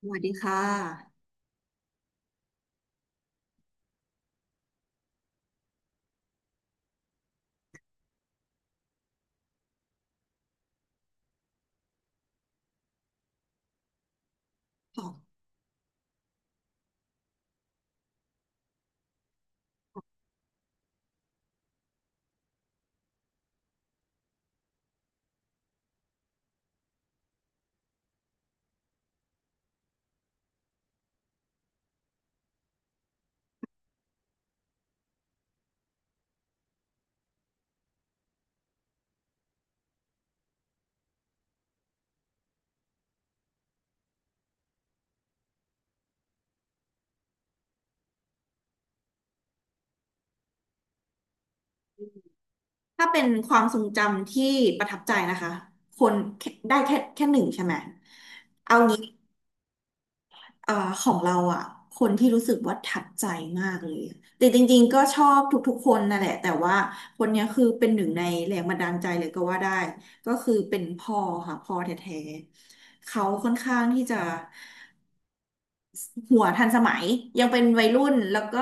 สวัสดีค่ะค่ะถ้าเป็นความทรงจำที่ประทับใจนะคะ คนแค่หนึ่งใช่ไหม เอางี้เอ่อของเราอ่ะคนที่รู้สึกว่าทับใจมากเลยแต่จริงๆก็ชอบทุกๆคนนั่นแหละ แต่ว่าคนเนี้ยคือเป็นหนึ่งในแรงบันดาลใจเลยก็ว่าได้ ก็คือเป็นพ่อค่ะ พ่อแท้ๆ เขาค่อนข้างที่จะ หัวทันสมัยยังเป็นวัยรุ่นแล้วก็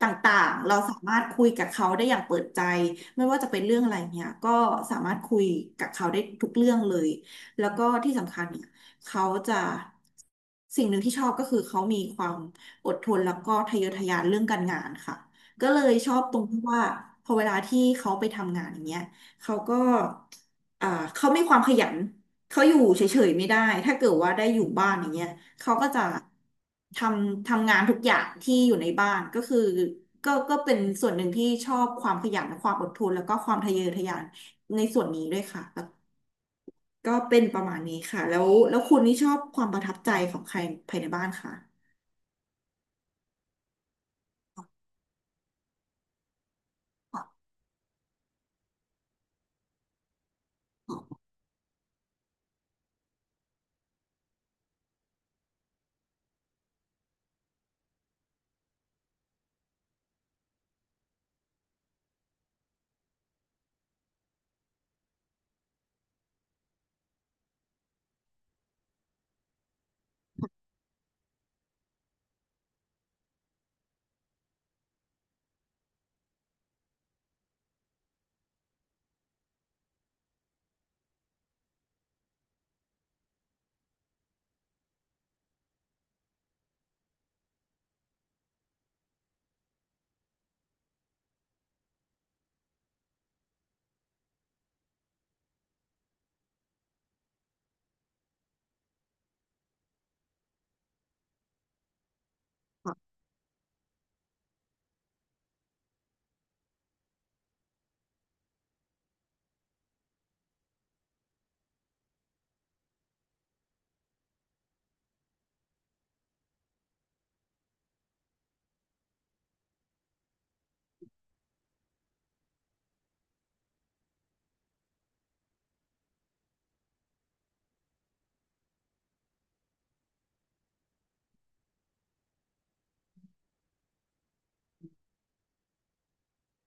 ต่างๆเราสามารถคุยกับเขาได้อย่างเปิดใจไม่ว่าจะเป็นเรื่องอะไรเนี่ยก็สามารถคุยกับเขาได้ทุกเรื่องเลยแล้วก็ที่สำคัญเนี่ยเขาจะสิ่งหนึ่งที่ชอบก็คือเขามีความอดทนแล้วก็ทะเยอทะยานเรื่องการงานค่ะก็เลยชอบตรงที่ว่าพอเวลาที่เขาไปทำงานอย่างเงี้ยเขาก็อ่าเขามีความขยัน เขาอยู่เฉยๆไม่ได้ถ้าเกิดว่าได้อยู่บ้านอย่างเงี้ยเขาก็จะททำงานทุกอย่างที่อยู่ในบ้านก็คือก็เป็นส่วนหนึ่งที่ชอบความขยันความอดทนแล้วก็ความทะเยอทะยานในส่วนนี้ด้วยค่ะแล้วก็เป็นประมาณนี้ค่ะแล้วคุณนี่ชอบความประทับใจของใครภายในบ้านค่ะ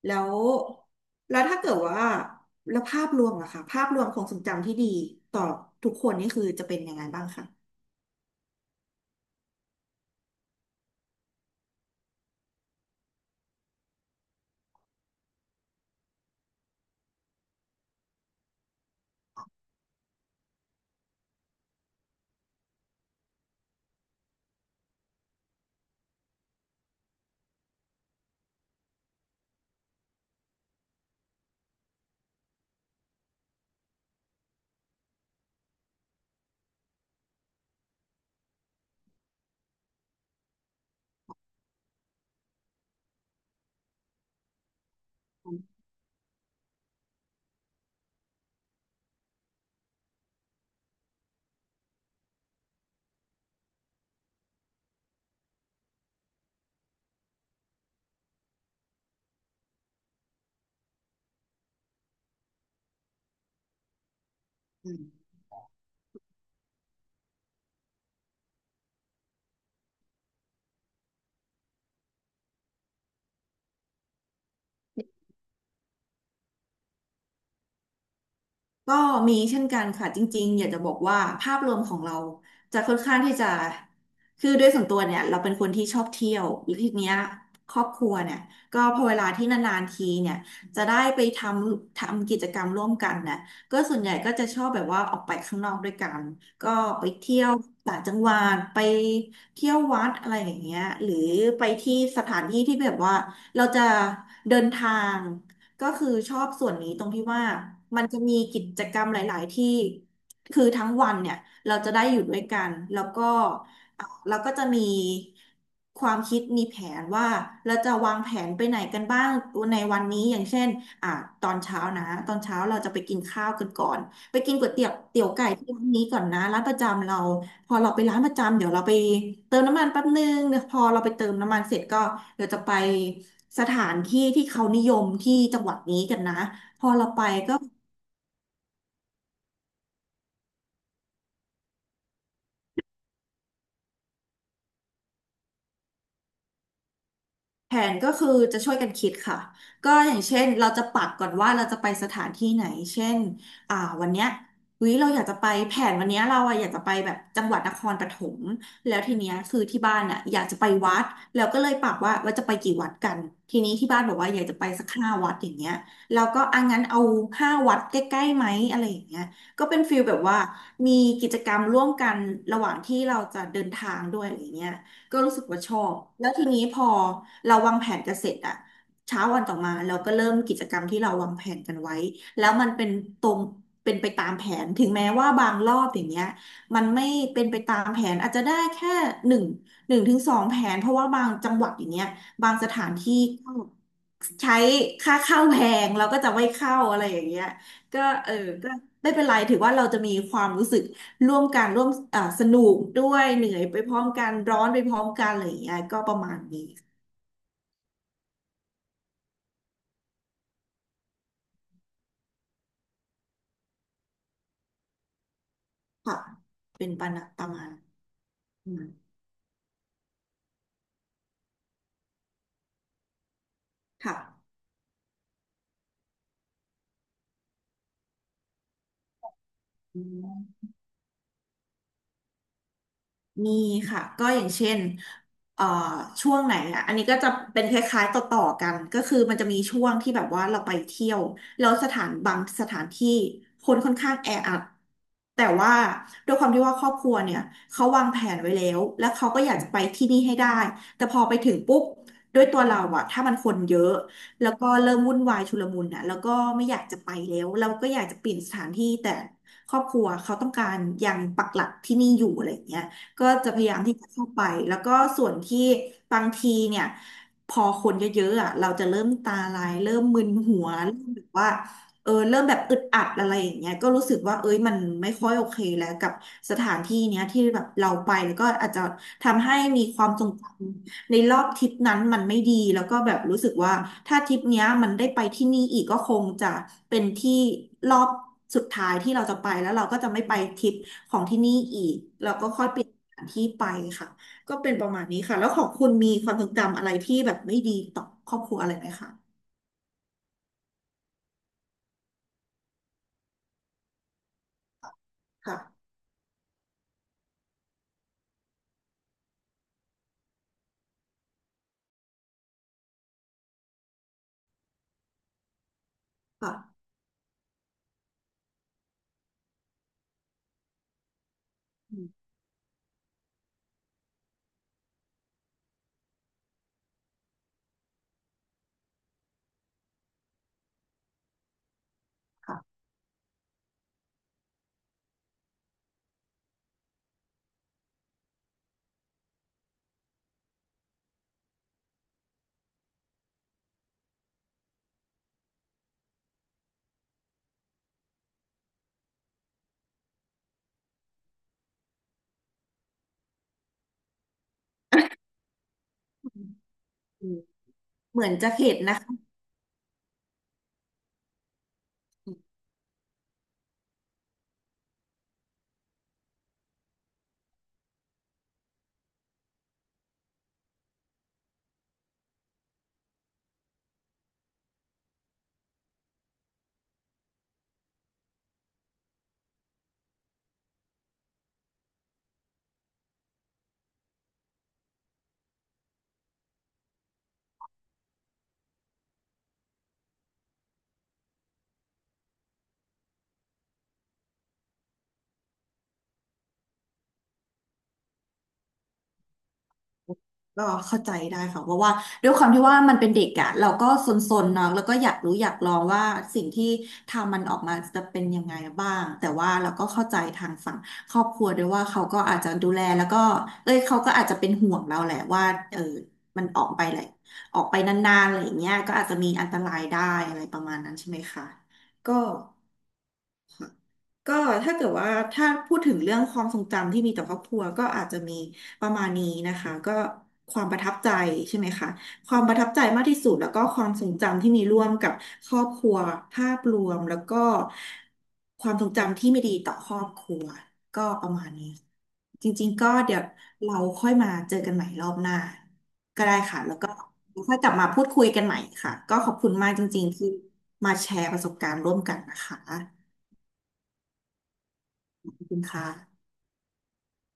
แล้วแล้วถ้าเกิดว่าแล้วภาพรวมอะค่ะภาพรวมของทรงจำที่ดีต่อทุกคนนี่คือจะเป็นยังไงบ้างคะ ก็มีเช่นกันค่ะจริงๆอยากจะบอกว่าภาพรวมของเราจะค่อนข้างที่จะคือด้วยส่วนตัวเนี่ยเราเป็นคนที่ชอบเที่ยวหรือทีเนี้ยครอบครัวเนี่ยก็พอเวลาที่นานๆทีเนี่ยจะได้ไปทำกิจกรรมร่วมกันนะก็ส่วนใหญ่ก็จะชอบแบบว่าออกไปข้างนอกด้วยกันก็ไปเที่ยวต่างจังหวัดไปเที่ยววัดอะไรอย่างเงี้ยหรือไปที่สถานที่ที่แบบว่าเราจะเดินทาง ก็คือชอบส่วนนี้ตรงที่ว่ามันจะมีกิจกรรมหลายๆที่คือทั้งวันเนี่ยเราจะได้อยู่ด้วยกันแล้วก็เราก็จะมีความคิดมีแผนว่าเราจะวางแผนไปไหนกันบ้างในวันนี้อย่างเช่นอ่าตอนเช้านะตอนเช้าเราจะไปกินข้าวกันก่อนไปกินก๋วยเตี๋ยวเตี๋ยวไก่ที่ร้านนี้ก่อนนะร้านประจำเรา พอเราไปร้านประจำเดี๋ยวเราไปเติมน้ำมันแป๊บนึงเดี๋ยวพอเราไปเติมน้ำมันเสร็จก็เดี๋ยวจะไปสถานที่ที่เขานิยมที่จังหวัดนี้กันนะพอเราไปก็ แผนก็คือจะช่วยกันคิดค่ะก็อย่างเช่นเราจะปักก่อนว่าเราจะไปสถานที่ไหนเช่นอ่าวันเนี้ยเฮ้ยเราอยากจะไปแผนวันเนี้ยเราอะอยากจะไปแบบจังหวัดนครปฐมแล้วทีเนี้ยคือที่บ้านอะอยากจะไปวัดแล้วก็เลยปักว่าจะไปกี่วัดกันทีนี้ที่บ้านบอกว่าอยากจะไปสักห้าวัดอย่างเงี้ยเราก็อ่ะงั้นเอาห้าวัดใกล้ๆไหมอะไรอย่างเงี้ยก็เป็นฟีลแบบว่ามีกิจกรรมร่วมกันระหว่างที่เราจะเดินทางด้วยอะไรเงี้ย ก็รู้สึกว่าชอบ แล้วทีนี้พอเราวางแผนกันเสร็จอะเช้าวันต่อมาเราก็เริ่มกิจกรรมที่เราวางแผนกันไว้แล้วมันเป็นตรงเป็นไปตามแผนถึงแม้ว่าบางรอบอย่างเงี้ยมันไม่เป็นไปตามแผนอาจจะได้แค่หนึ่งหนึ่งถึงสองแผนเพราะว่าบางจังหวัดอย่างเงี้ยบางสถานที่ก็ใช้ค่าเข้าแพงเราก็จะไม่เข้าอะไรอย่างเงี้ยก็เออก็ไม่เป็นไรถือว่าเราจะมีความรู้สึก ร่วมกันร่วมสนุกด้วยเหนื่อยไปพร้อมกันร้อนไปพร้อมกันอะไรอย่างเงี้ยก็ประมาณนี้ค่ะเป็นประมาณนั้นค่ะ มีค่ะก็อย่างเช่นเอ่อช่วงไหนอ่ะอันนี้ก็จะเป็นคล้ายๆต่อๆกันก็คือมันจะมีช่วงที่แบบว่าเราไปเที่ยวแล้วสถานบางสถานที่คนค่อนข้างแออัดแต่ว่าด้วยความที่ว่าครอบครัวเนี่ยเขาวางแผนไว้แล้วแล้วเขาก็อยากจะไปที่นี่ให้ได้แต่พอไปถึงปุ๊บด้วยตัวเราอะถ้ามันคนเยอะแล้วก็เริ่มวุ่นวายชุลมุนอะแล้วก็ไม่อยากจะไปแล้วเราก็อยากจะเปลี่ยนสถานที่แต่ครอบครัวเขาต้องการยังปักหลักที่นี่อยู่อะไรอย่างเงี้ย ก็จะพยายามที่จะเข้าไป แล้วก็ส่วนที่บางทีเนี่ยพอคนเยอะๆอ่ะเราจะเริ่มตาลาย เริ่มมึนหัวเริ่มแบบว่าเริ่มแบบอึดอัดอะไรอย่างเงี้ยก็รู้สึกว่าเอ้ยมันไม่ค่อยโอเคแล้วกับสถานที่เนี้ยที่แบบเราไปแล้วก็อาจจะทำให้มีความทรงจำในรอบทริปนั้นมันไม่ดีแล้วก็แบบรู้สึกว่าถ้าทริปเนี้ยมันได้ไปที่นี่อีกก็คงจะเป็นที่รอบสุดท้ายที่เราจะไปแล้วเราก็จะไม่ไปทริปของที่นี่อีกเราก็ค่อยเปลี่ยน ที่ไปค่ะก็เป็นประมาณนี้ค่ะแล้วของคุณมีความทรงจำอะไรที่แบบไม่ดีต่อครอบครัวอะไรไหมคะค่ะค่ะอืมค่ะอืมเหมือนจะเห็ุนะคะ ก็เข้าใจได้ค่ะเพราะว่าด้วยความที่ว่ามันเป็นเด็กอะเราก็ซนๆเนาะแล้วก็อยากรู้อยากลองว่าสิ่งที่ทำมันออกมาจะเป็นยังไงบ้างแต่ว่าเราก็เข้าใจทางฝั่งครอบครัวด้วยว่าเขาก็อาจจะดูแลแล้วก็เอ้ยเขาก็อาจจะเป็นห่วงเราแหละว่าเออมันออกไปแหละออกไปนานๆอะไรอย่างเงี้ยก็อาจจะมีอันตรายได้อะไรประมาณนั้นใช่ไหมคะก็ ก็ถ้าเกิดว่าถ้าพูดถึงเรื่องความทรงจำที่มีต่อครอบครัวก็อาจจะมีประมาณนี้นะคะก็ความประทับใจใช่ไหมคะความประทับใจมากที่สุดแล้วก็ความทรงจำที่มีร่วมกับครอบครัวภาพรวมแล้วก็ความทรงจำที่ไม่ดีต่อครอบครัวก็ประมาณนี้จริงๆก็เดี๋ยวเราค่อยมาเจอกันใหม่รอบหน้าก็ได้ค่ะแล้วก็ค่อยกลับมาพูดคุยกันใหม่ค่ะก็ขอบคุณมากจริงๆที่มาแชร์ประสบการณ์ร่วมกันนะคะ ขอบคุณค่ะ